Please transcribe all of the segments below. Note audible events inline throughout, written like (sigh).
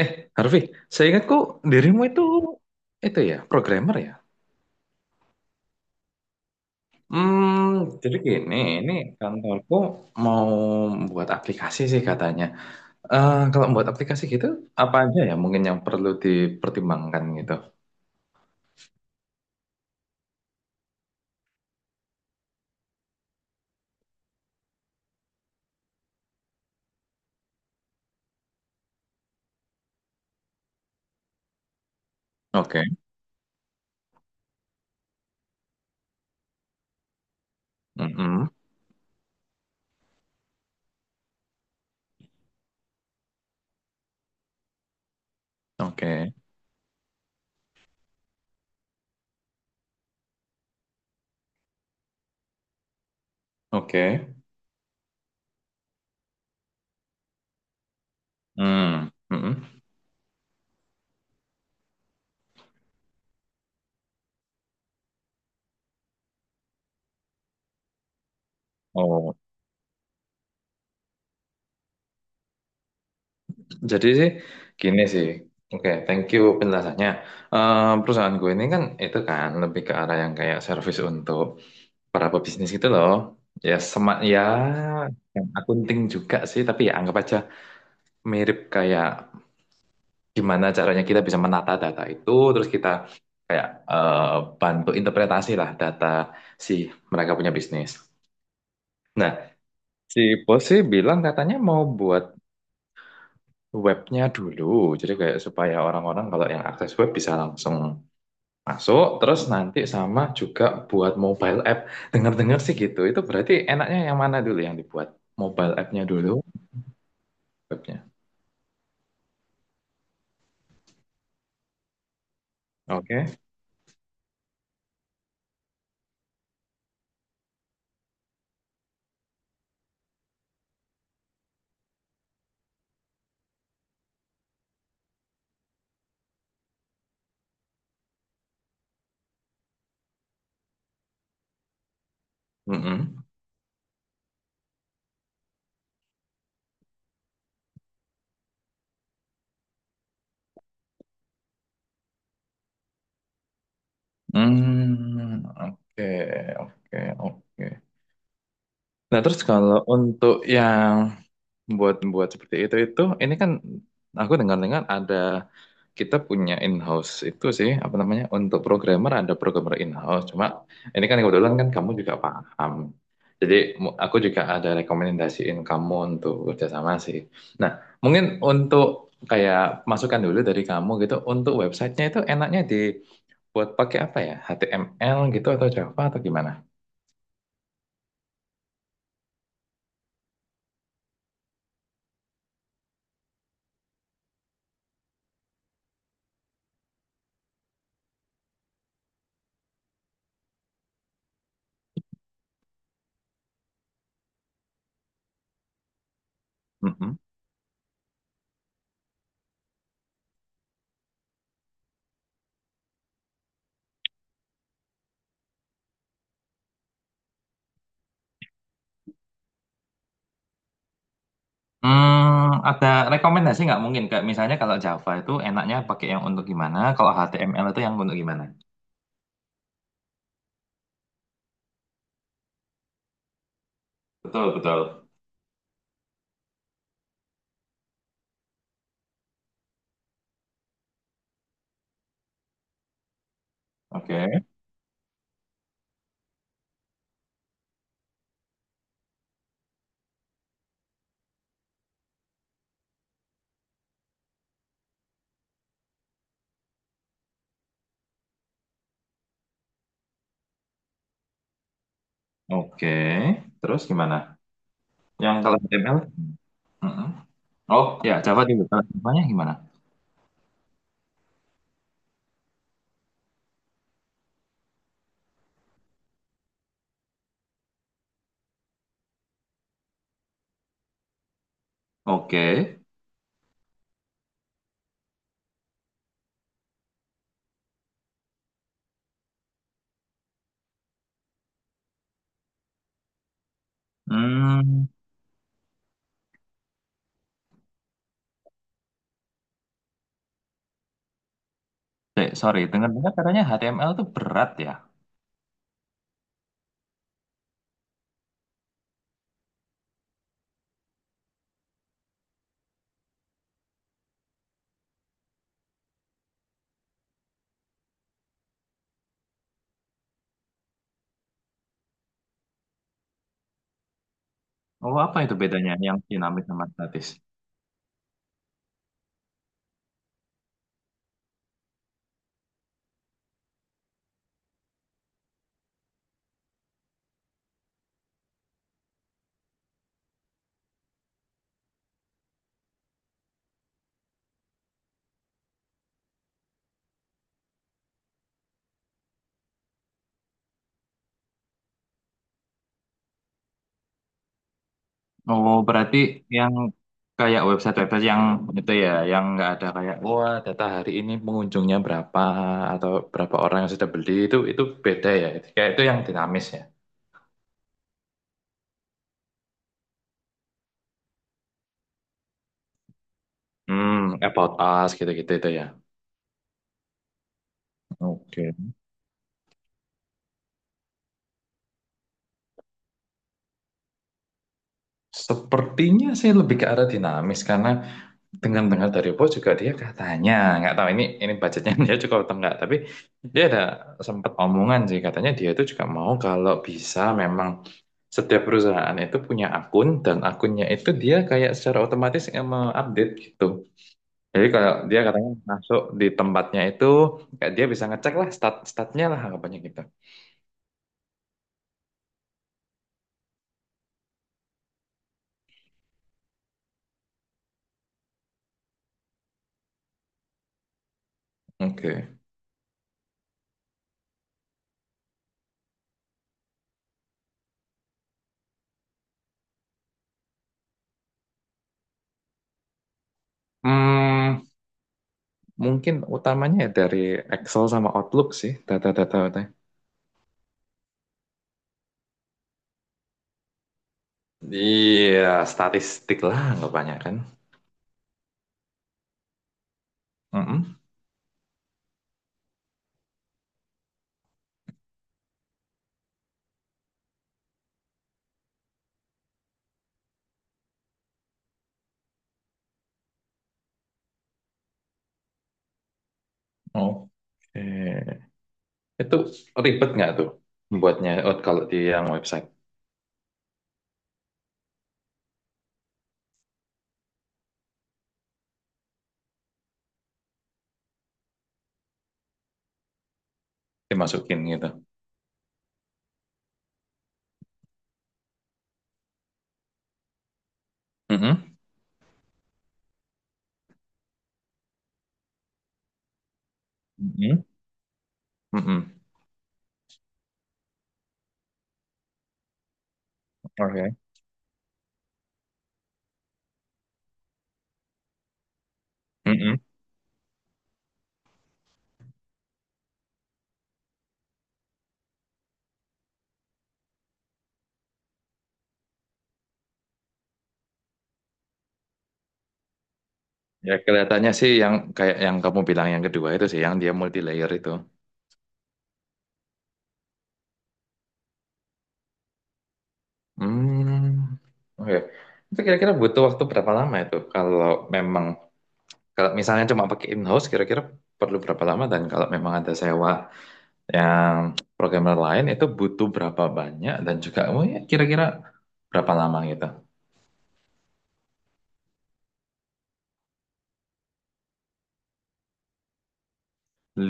Eh, Harvey, saya ingat kok dirimu itu ya, programmer ya. Jadi gini, ini kantorku mau buat aplikasi sih katanya. Eh, kalau buat aplikasi gitu, apa aja ya mungkin yang perlu dipertimbangkan gitu? Oke. Mm-mm. Oke. Oke. Hmm. Mm-mm. Oh, jadi sih gini sih. Oke, thank you penjelasannya. Eh, perusahaan gue ini kan itu kan lebih ke arah yang kayak service untuk para pebisnis gitu loh. Ya sama ya yang akunting juga sih, tapi ya anggap aja mirip kayak gimana caranya kita bisa menata data itu, terus kita kayak bantu interpretasi lah data si mereka punya bisnis. Nah, si bos sih bilang katanya mau buat webnya dulu, jadi kayak supaya orang-orang kalau yang akses web bisa langsung masuk, terus nanti sama juga buat mobile app. Dengar-dengar sih gitu, itu berarti enaknya yang mana dulu yang dibuat? Mobile app-nya dulu? Webnya? Oke. Mm-mm. Hmm. Oke, oke, oke. Nah, terus kalau untuk yang buat-buat seperti itu, ini kan aku dengar-dengar ada kita punya in-house itu sih apa namanya untuk programmer, ada programmer in-house. Cuma ini kan kebetulan kan kamu juga paham. Jadi aku juga ada rekomendasiin kamu untuk kerjasama sih. Nah, mungkin untuk kayak masukan dulu dari kamu gitu untuk websitenya itu enaknya di buat pakai apa ya? HTML gitu atau Java atau gimana? Mhm. Hmm, ada rekomendasi nggak mungkin? Kayak misalnya kalau Java itu enaknya pakai yang untuk gimana, kalau HTML itu yang untuk gimana? Betul, betul. Oke. Oke. Terus gimana? Yang kalau HTML? Mm-mm. Oh, ya Java juga. Kalau Javanya gimana? Oke. Hmm, sorry. Dengar-dengar katanya HTML itu berat ya. Oh, apa itu bedanya yang dinamis sama statis? Oh, berarti yang kayak website-website yang itu ya, yang nggak ada kayak wah data hari ini pengunjungnya berapa atau berapa orang yang sudah beli itu beda ya. Kayak itu yang dinamis ya. Hmm, about us gitu-gitu itu ya. Oke. Sepertinya sih lebih ke arah dinamis karena dengar-dengar dari bos juga dia katanya nggak tahu ini budgetnya (laughs) dia cukup atau enggak tapi dia ada sempat omongan sih katanya dia itu juga mau kalau bisa memang setiap perusahaan itu punya akun dan akunnya itu dia kayak secara otomatis yang mengupdate gitu, jadi kalau dia katanya masuk di tempatnya itu kayak dia bisa ngecek lah statnya lah harapannya gitu. Oke. Hmm, mungkin utamanya ya dari Excel sama Outlook sih data-data. Iya, statistik lah anggapannya kan. Mm-mm. Oke. Itu ribet nggak tuh buatnya? Oh, kalau di yang website dimasukin gitu? Mm-mm. Mm-mm. Mm-mm. Oke. Mm-mm. Ya kelihatannya sih yang kayak yang kamu bilang yang kedua itu sih yang dia multi layer itu. Hmm. Oke. Itu kira-kira butuh waktu berapa lama itu kalau memang kalau misalnya cuma pakai in-house kira-kira perlu berapa lama, dan kalau memang ada sewa yang programmer lain itu butuh berapa banyak, dan juga oh ya, kira-kira berapa lama gitu?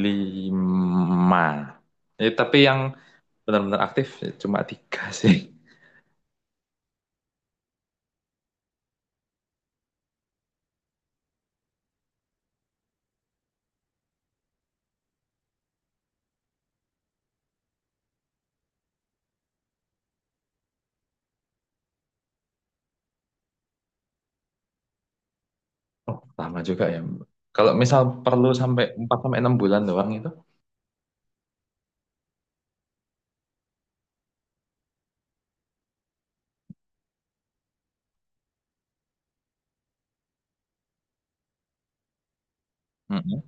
Lima. Eh, tapi yang benar-benar aktif ya cuma tiga (laughs) sih. Oh, lama juga ya. Kalau misal perlu sampai 4 sampai 6 bulan doang itu? Mm-mm.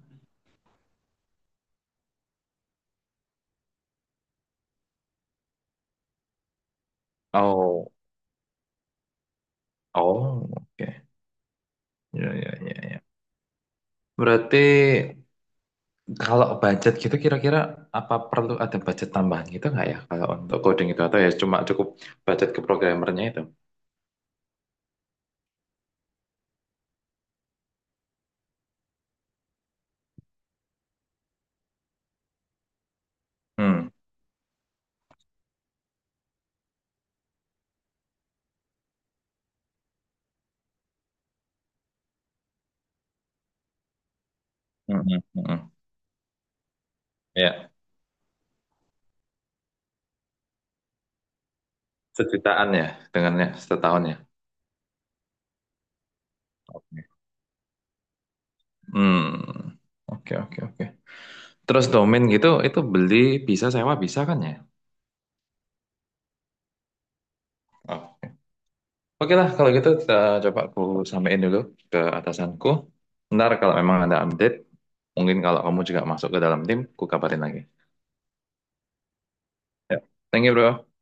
Oh, oh, oke. Ya, ya, ya, ya. Berarti kalau budget gitu kira-kira apa perlu ada budget tambahan gitu nggak ya kalau untuk coding itu atau ya cuma cukup budget ke programmernya itu? Mm-mm, mm-mm. Ya, sejutaan ya dengannya setahun ya. Oke. Hmm, oke, oke, oke. Terus domain gitu itu beli bisa sewa bisa kan ya? Oh. Oke lah kalau gitu kita coba aku sampaikan dulu ke atasanku. Ntar kalau memang ada update, mungkin kalau kamu juga masuk ke dalam tim, ku kabarin lagi. Ya. Thank you bro.